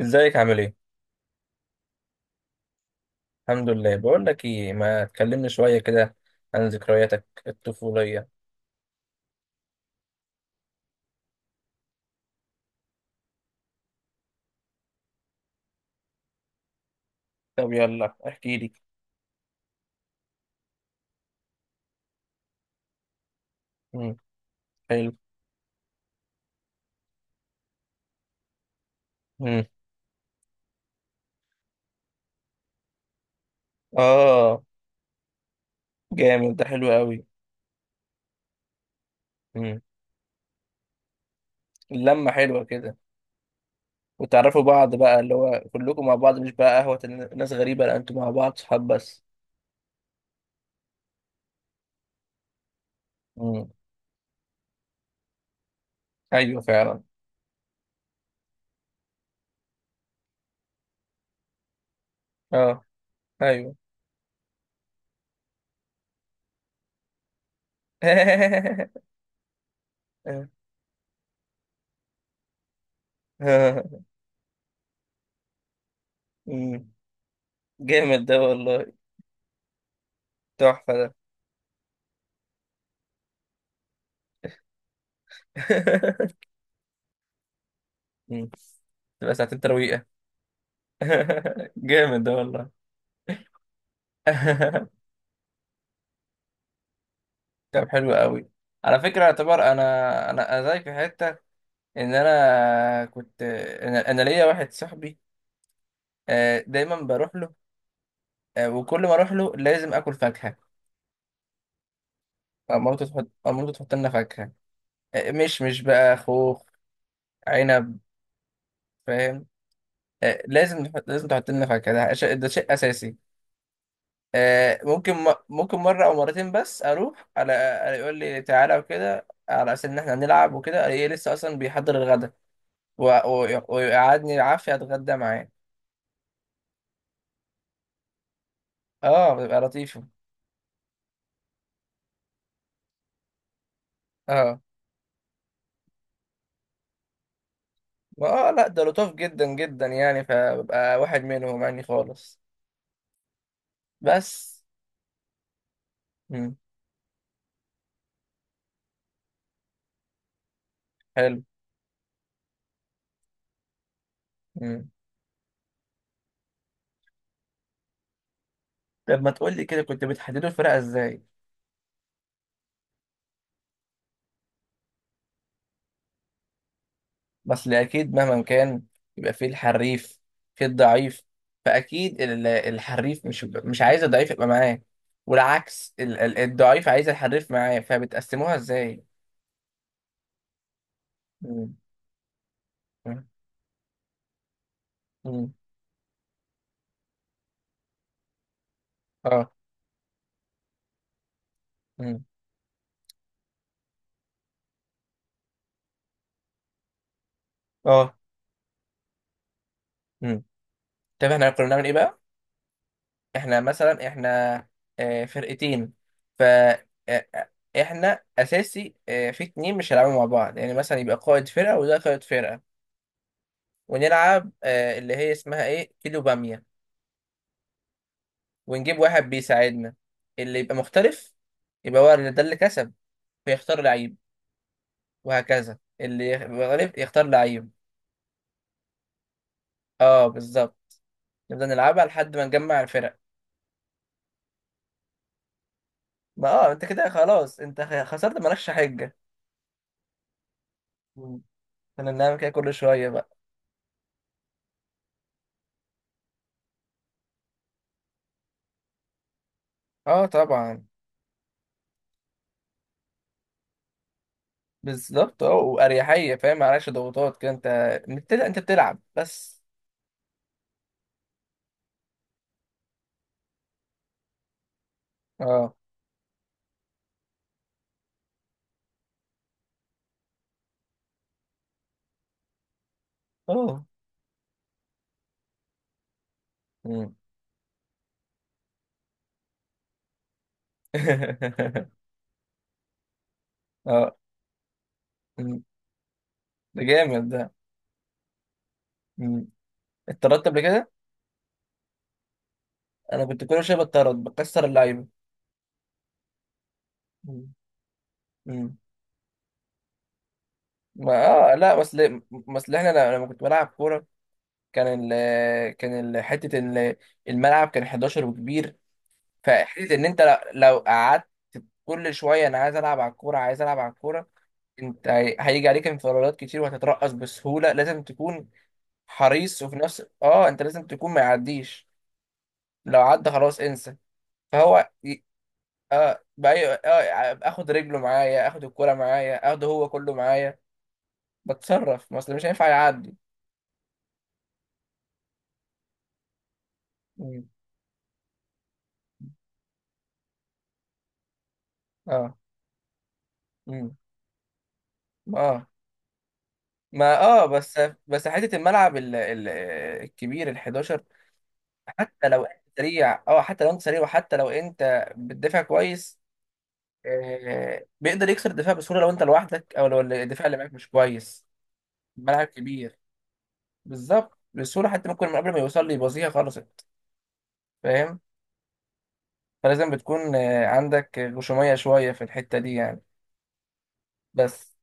ازيك عامل ايه؟ الحمد لله. بقول لك ايه، ما تكلمني شوية كده عن ذكرياتك الطفولية. طب يلا احكي لي. مم. حلو. مم. اه. جامد ده، حلو قوي. مم. اللمة حلوة كده. وتعرفوا بعض بقى، اللي هو كلكم مع بعض، مش بقى قهوة ناس غريبة، لا انتوا مع بعض صحاب بس. مم. ايوه فعلا. اه. ايوه. مم. جامد ده والله. تحفة ده. مم. تبقى ساعتين ترويقة. جامد ده والله. طب حلو قوي. على فكرة اعتبر انا انا أنا زيك في حتة، ان انا كنت أنا ليا واحد صاحبي. دايما بروح له. وكل ما اروح له لازم اكل فاكهة. مامته تحط لنا فاكهة. مش بقى خوخ، عنب. فاهم. لازم تحط لنا فاكهة، ده شيء اساسي. ممكن ممكن مرة أو مرتين بس. أروح على يقول لي تعالى وكده، على أساس إن إحنا هنلعب وكده، ألاقيه لسه أصلا بيحضر الغدا ويقعدني العافية أتغدى معاه. أه بيبقى لطيفة. أه. ما لأ، ده لطاف جدا جدا، يعني فببقى واحد منهم يعني خالص. بس. مم. حلو. مم. طب ما تقول لي كده، كنت بتحددوا الفرقة إزاي؟ بس اكيد مهما كان يبقى فيه الحريف، في الضعيف. فاكيد الحريف مش عايز الضعيف يبقى معاه، والعكس الضعيف عايز الحريف معاه، فبتقسموها ازاي؟ مم. مم. مم. اه. مم. اه. مم. طب احنا كنا بنعمل ايه بقى؟ احنا مثلا فرقتين. ف آه، آه، احنا اساسي في اتنين مش هيلعبوا مع بعض، يعني مثلا يبقى قائد فرقة وده قائد فرقة. ونلعب اللي هي اسمها ايه، كيلو بامية. ونجيب واحد بيساعدنا اللي يبقى مختلف، يبقى هو اللي ده اللي كسب، فيختار لعيب. وهكذا يبقى غالب يختار لعيب. اه بالظبط. نبدأ نلعبها لحد ما نجمع الفرق. ما اه، انت كده خلاص، انت خسرت، مالكش حجة. مم. كنا بنعمل كده كل شوية بقى. اه طبعا. بالظبط. اه وأريحية، فاهم؟ معلكش ضغوطات كده انت. انت بتلعب بس. اه اه. مم. اه. مم. ده جامد ده. مم. اتطردت قبل كده؟ انا كنت كل شويه بتطرد بكسر اللعيبه. مم. امم. ما آه، لا، بس ل- بس ل- احنا ل- لما كنت بلعب كوره، كان ال كان ال حته ال- الملعب كان 11 وكبير. فحته ان انت لو قعدت كل شويه، انا عايز العب على الكوره، عايز العب على الكوره، انت هيجي عليك انفرادات كتير وهتترقص بسهوله. لازم تكون حريص، وفي نفس انت لازم تكون ما يعديش. لو عدى خلاص انسى. فهو ي- اه بأي... اه آه، اخد رجله معايا، اخد الكوره معايا، اخده هو كله معايا، بتصرف، ما اصل مش هينفع يعدي. مم. اه. مم. اه. ما بس، بس حته الملعب الكبير ال 11، حتى لو انت سريع، حتى لو انت سريع وحتى لو انت بتدافع كويس، آه بيقدر يكسر الدفاع بسهوله لو انت لوحدك او لو الدفاع اللي معاك مش كويس. ملعب كبير. بالظبط، بسهوله. حتى ممكن من قبل ما يوصل لي يبوظيها خلصت. فاهم. فلازم بتكون عندك غشوميه شويه في الحته دي يعني. بس.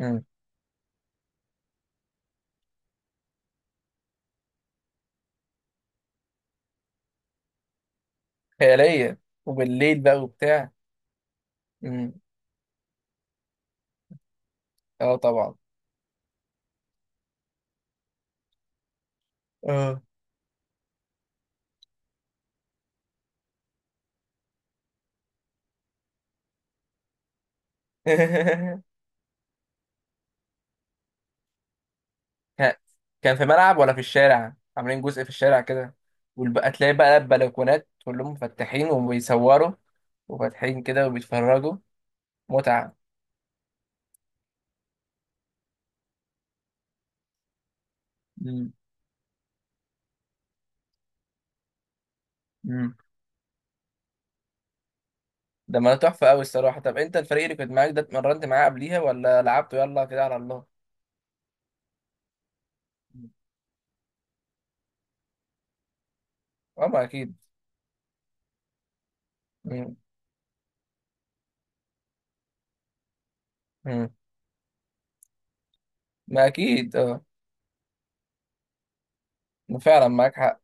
امم. خيالية، وبالليل بقى وبتاع. مم. اه طبعا. اه. ها، كان في ملعب ولا في الشارع عاملين جزء في الشارع كده؟ والبقى تلاقي بقى البلكونات كلهم مفتحين وبيصوروا، وفاتحين كده وبيتفرجوا. متعة. مم. مم. ده ما تحفة أوي الصراحة. طب أنت الفريق اللي كنت معاك ده اتمرنت معاه قبليها ولا لعبته يلا كده على الله؟ مم. اه ما أكيد. مم. مم. ما أكيد اه. فعلا معاك حق.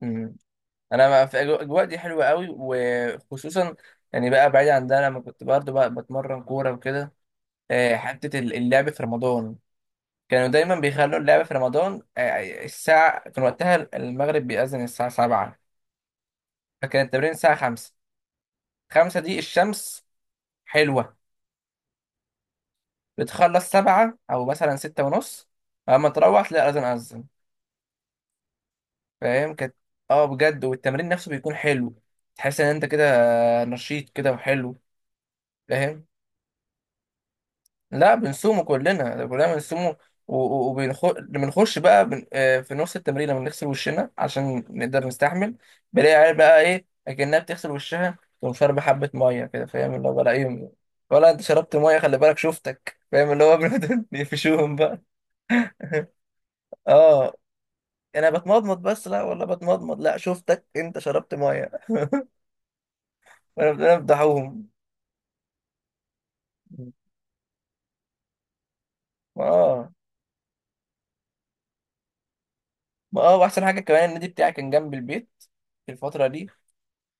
مم. انا في الاجواء دي حلوه قوي، وخصوصا يعني بقى، بعيد عن ده، لما كنت برضه بقى بتمرن كوره وكده. حته اللعب في رمضان، كانوا دايما بيخلوا اللعب في رمضان الساعه كان وقتها المغرب بيأذن الساعه 7. فكان التمرين الساعه 5، 5 دي الشمس حلوه. بتخلص 7 او مثلا 6 ونص، اما تروح تلاقي اذن. فاهم كانت، اه بجد، والتمرين نفسه بيكون حلو، تحس ان انت كده نشيط كده وحلو. فاهم. لا بنصومه كلنا، ده كلنا بنصومه. وبنخش بقى بن... آه، في نص التمرين، لما بنغسل وشنا عشان نقدر نستحمل. بلاقي عيال بقى، ايه اكنها بتغسل وشها تقوم شاربة حبة مية كده. فاهم؟ اللي هو بقى ايه، ولا انت شربت مية، خلي بالك شفتك. فاهم اللي هو بنقعد نقفشوهم بقى. اه. انا بتمضمض بس، لا والله بتمضمض، لا شفتك انت شربت مية. وانا بنقعد نفضحوهم. اه. ما واحسن حاجة كمان، النادي بتاعي كان جنب البيت في الفترة دي.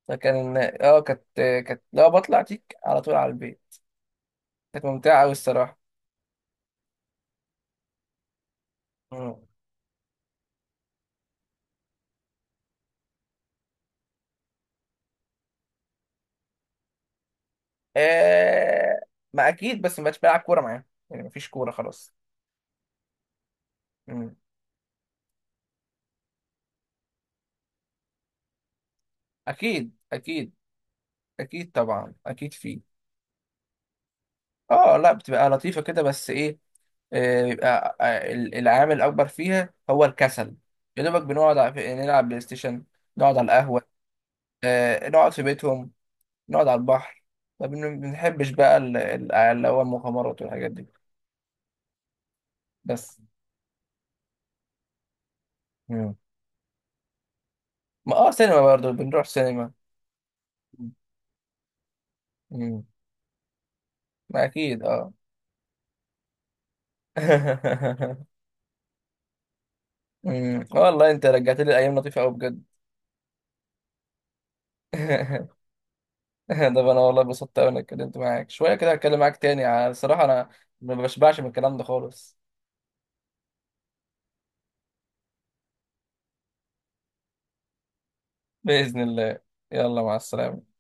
فكان اه كانت كانت لا، بطلع تيك على طول على البيت. كانت ممتعة أوي الصراحة. مم. آه. ما أكيد، بس ما بقتش بلعب كورة معاهم، يعني مفيش كورة خلاص. مم. أكيد أكيد. أكيد طبعا أكيد فيه. اه لا، بتبقى لطيفة كده، بس إيه، بيبقى العامل الأكبر فيها هو الكسل. يا دوبك بنقعد على نلعب بلاي ستيشن، نقعد على القهوة، نقعد في بيتهم، نقعد على البحر. ما بنحبش بقى اللي هو المغامرات والحاجات دي. بس. مم. ما سينما برضه بنروح سينما. امم. ما اكيد اه. والله انت رجعت لي ايام لطيفه قوي بجد. ده انا والله اتبسطت قوي اني اتكلمت معاك شويه كده. هتكلم معاك تاني على الصراحه انا، ما بشبعش من الكلام ده خالص. باذن الله. يلا مع السلامه.